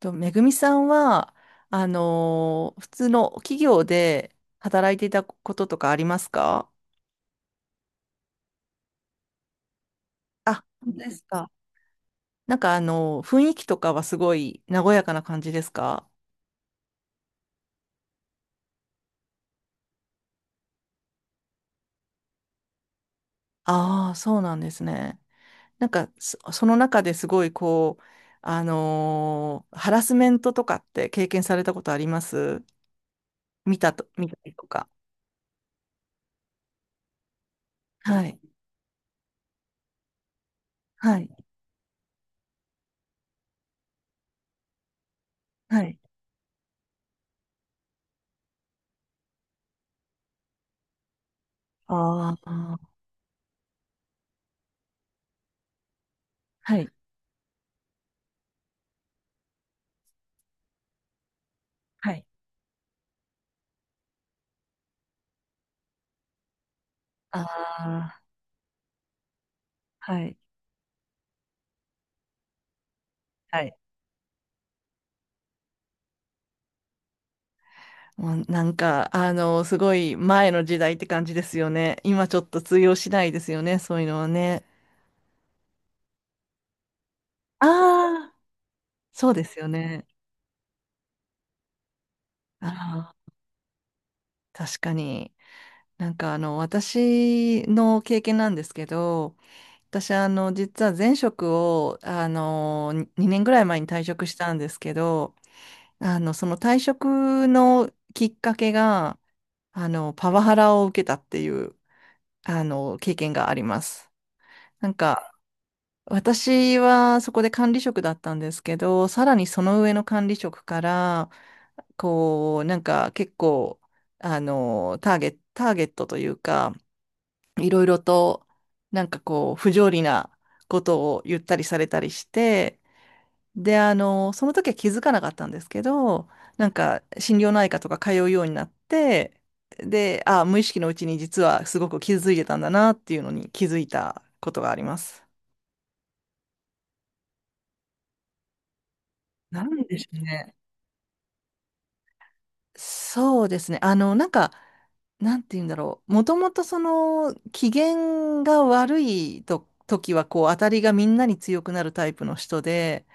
と、めぐみさんは、普通の企業で働いていたこととかありますか？あ、本当ですか。なんか雰囲気とかはすごい和やかな感じですか？ああー、そうなんですね。なんか、その中ですごいこう、ハラスメントとかって経験されたことあります？見たりとか。はい。はい。はい。ああ、はい。はい。ああ、はい。はい。もうなんか、あの、すごい前の時代って感じですよね。今ちょっと通用しないですよね、そういうのはね。ああ、そうですよね。ああ、確かに。なんかあの、私の経験なんですけど、私あの、実は前職を、あの、2年ぐらい前に退職したんですけど、あの、その退職のきっかけが、あの、パワハラを受けたっていう、あの、経験があります。なんか、私はそこで管理職だったんですけど、さらにその上の管理職から、こう、なんか結構、あの、ターゲットというか、いろいろと、なんかこう、不条理なことを言ったりされたりして、で、あの、その時は気づかなかったんですけど、なんか心療内科とか通うようになって、で、あ、無意識のうちに実はすごく傷ついてたんだなっていうのに気づいたことがあります。なんでしょうね。そうですね。あの、なんか、なんて言うんだろう。もともとその、機嫌が悪いと、時は、こう、当たりがみんなに強くなるタイプの人で、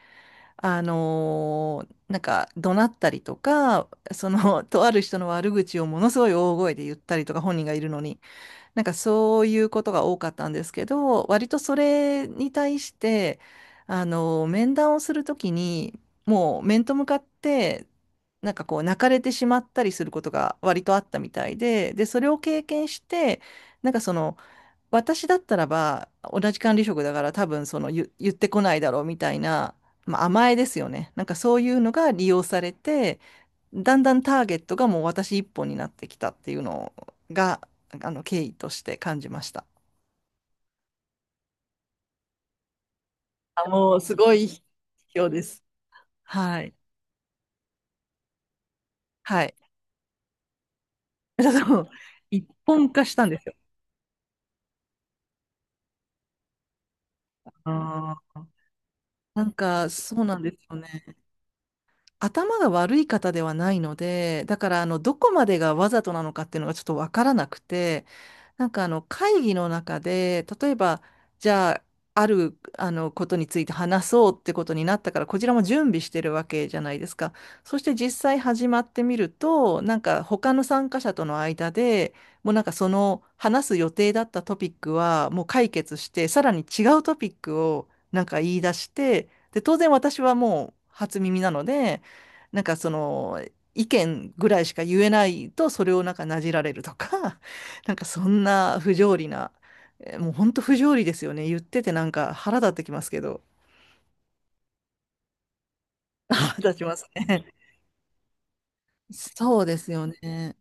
なんか、怒鳴ったりとか、その、とある人の悪口をものすごい大声で言ったりとか、本人がいるのに。なんかそういうことが多かったんですけど、割とそれに対して、あの、面談をするときに、もう面と向かって、なんかこう泣かれてしまったりすることが割とあったみたいで、で、それを経験して、なんかその、私だったらば、同じ管理職だから多分その言ってこないだろうみたいな、まあ、甘えですよね。なんかそういうのが利用されて、だんだんターゲットがもう私一本になってきたっていうのが、あの、経緯として感じました。あ、もうすごい今日です。はい。はい。だう一本化したんですよ。あー、なんか、そうなんですよね。頭が悪い方ではないので、だから、あの、どこまでがわざとなのかっていうのがちょっとわからなくて、なんかあの会議の中で、例えば、じゃあ、あるあのことについて話そうってことになったから、こちらも準備してるわけじゃないですか。そして実際始まってみると、なんか他の参加者との間で、もうなんかその話す予定だったトピックはもう解決して、さらに違うトピックをなんか言い出して、で、当然私はもう初耳なので、なんかその意見ぐらいしか言えないと、それをなんかなじられるとか。なんかそんな不条理な、えーもう本当不条理ですよね。言っててなんか腹立ってきますけど。腹立ちますね。そうですよね。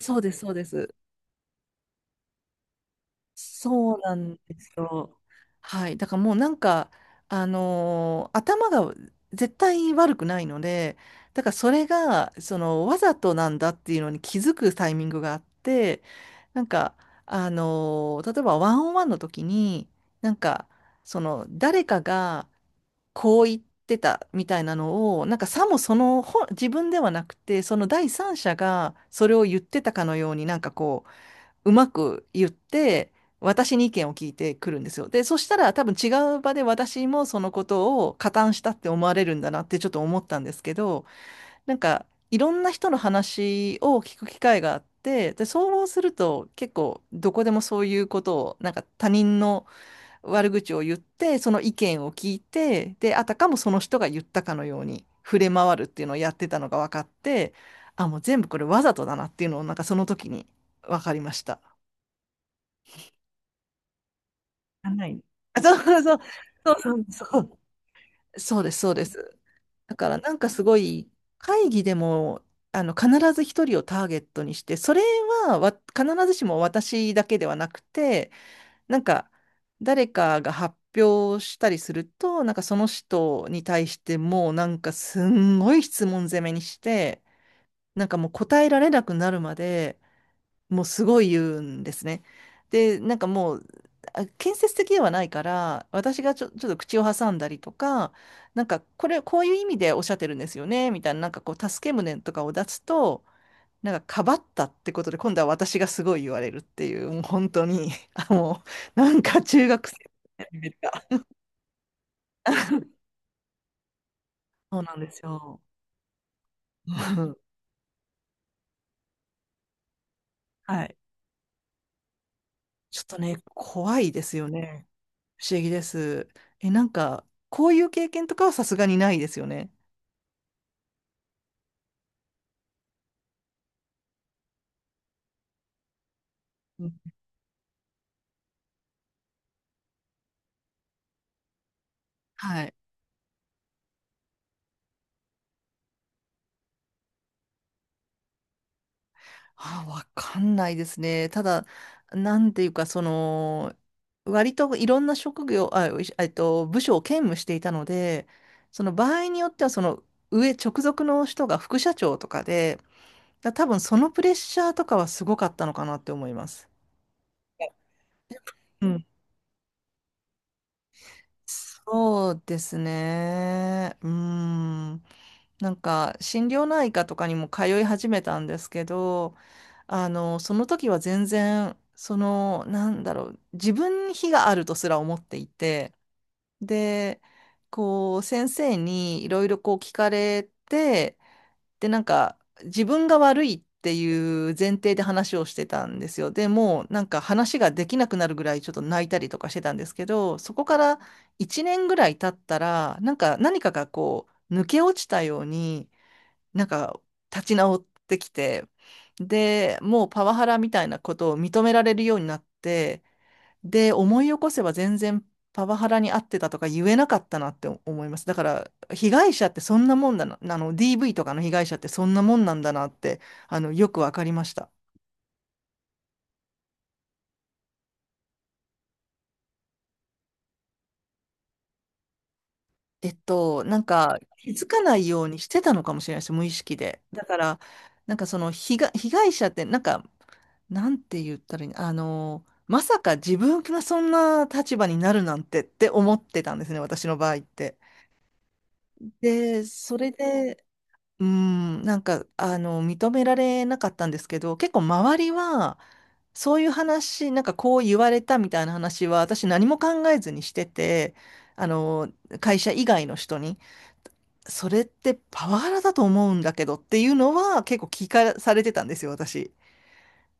そうです、そうです。そうなんですよ。はい。だからもうなんか、頭が絶対悪くないので、だからそれが、その、わざとなんだっていうのに気づくタイミングがあって、なんか、例えばワンオンワンの時に、なんか、その、誰かが、こう言ってたみたいなのを、なんかさもその本、自分ではなくて、その第三者がそれを言ってたかのように、なんかこう、うまく言って、私に意見を聞いてくるんですよ。で、そしたら多分違う場で私もそのことを加担したって思われるんだなってちょっと思ったんですけど、なんかいろんな人の話を聞く機会があって、で、そうすると結構どこでもそういうことを、なんか他人の悪口を言って、その意見を聞いて、で、あたかもその人が言ったかのように触れ回るっていうのをやってたのが分かって、あ、もう全部これわざとだなっていうのをなんかその時に分かりました。あない。あ、そうそう、そうそうそう、そうです、そうです。だからなんかすごい会議でもあの必ず一人をターゲットにして、それはわ必ずしも私だけではなくて、なんか、誰かが発表したりすると、なんかその人に対してもうなんかすんごい質問攻めにして、なんかもう答えられなくなるまでもうすごい言うんですね。で、なんかもう、あ建設的ではないから、私がちょっと口を挟んだりとか、こういう意味でおっしゃってるんですよね、みたいな、なんかこう、助け舟とかを出すと、なんか、かばったってことで、今度は私がすごい言われるっていう、もう本当に、あもうなんか中学生みたいなレベルが、そうなんですよ。うん。はい。ちょっとね、怖いですよね。不思議です。え、なんか、こういう経験とかはさすがにないですよね。うん。はい。あ、わかんないですね。ただ、なんていうか、その、割といろんな職業、あ、いえっと、部署を兼務していたので、その場合によっては、その上、直属の人が副社長とかで、だ多分そのプレッシャーとかはすごかったのかなって思います。うん。そうですね。うーん。なんか心療内科とかにも通い始めたんですけど、あの、その時は全然、その、なんだろう、自分に非があるとすら思っていて、で、こう、先生にいろいろこう聞かれて、で、なんか、自分が悪いっていう前提で話をしてたんですよ。でもう、なんか話ができなくなるぐらいちょっと泣いたりとかしてたんですけど、そこから1年ぐらい経ったら、なんか何かがこう、抜け落ちたように、なんか立ち直ってきて、で、もうパワハラみたいなことを認められるようになって、で、思い起こせば全然パワハラに遭ってたとか言えなかったなって思います。だから、被害者ってそんなもんだな、あの、DV とかの被害者ってそんなもんなんだなって、あの、よくわかりました。えっと、なんか気づかないようにしてたのかもしれないです、無意識で。だから、被害者って、なんか、なんて言ったらいいの、あの、まさか自分がそんな立場になるなんてって思ってたんですね、私の場合って。で、それで、うん、なんか、あの、認められなかったんですけど、結構周りは、そういう話、なんかこう言われたみたいな話は、私何も考えずにしてて、あの、会社以外の人に。それってパワハラだと思うんだけどっていうのは結構聞かされてたんですよ、私。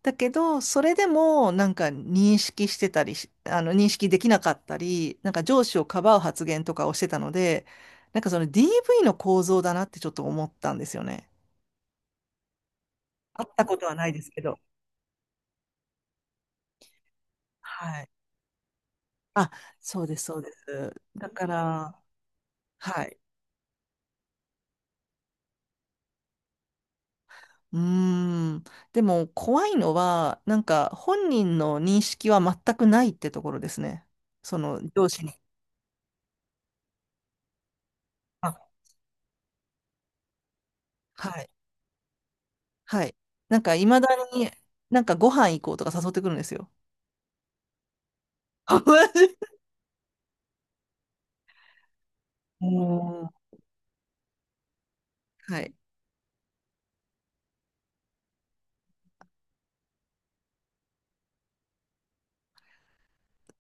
だけど、それでもなんか認識してたりし、あの認識できなかったり、なんか上司をかばう発言とかをしてたので、なんかその DV の構造だなってちょっと思ったんですよね。会ったことはないですけど。はい。あ、そうです、そうです。だから、はい。うーん。でも怖いのは、なんか本人の認識は全くないってところですね。その上司に。あ、はい。はい。なんかいまだに、なんかご飯行こうとか誘ってくるんですよ。マジおーはい。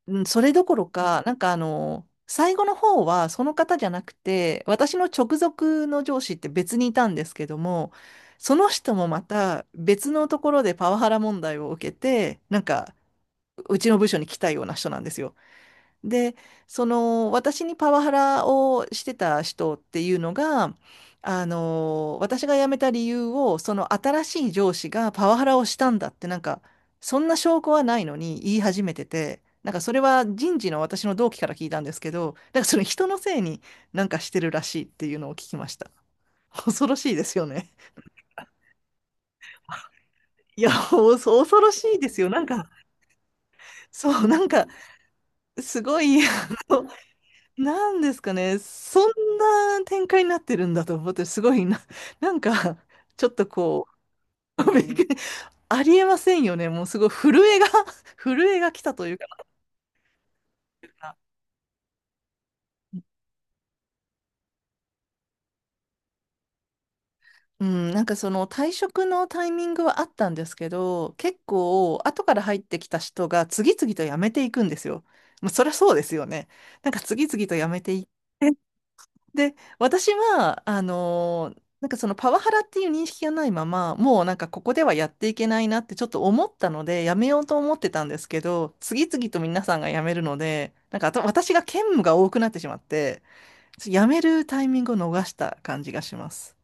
うん、それどころか、なんかあの、最後の方はその方じゃなくて、私の直属の上司って別にいたんですけども、その人もまた別のところでパワハラ問題を受けて、なんかうちの部署に来たような人なんですよ。で、その私にパワハラをしてた人っていうのが、あの、私が辞めた理由を、その新しい上司がパワハラをしたんだって、なんか、そんな証拠はないのに言い始めてて、なんかそれは人事の私の同期から聞いたんですけど、なんかその人のせいになんかしてるらしいっていうのを聞きました。恐ろしいですよね。いや、お恐ろしいですよ。なんか、そう、なんか、すごい、あのなんですかね、そんな展開になってるんだと思って、すごいな、なんか、ちょっとこう、びっくりありえませんよね、もうすごい震えが 震えが来たというか、うん、なんかその退職のタイミングはあったんですけど、結構、後から入ってきた人が次々と辞めていくんですよ。まあ、そりゃそうですよね。なんか次々と辞めていってで、私は、なんかそのパワハラっていう認識がないまま、もうなんかここではやっていけないなってちょっと思ったので、やめようと思ってたんですけど、次々と皆さんが辞めるので、なんかあと私が兼務が多くなってしまって、やめるタイミングを逃した感じがします。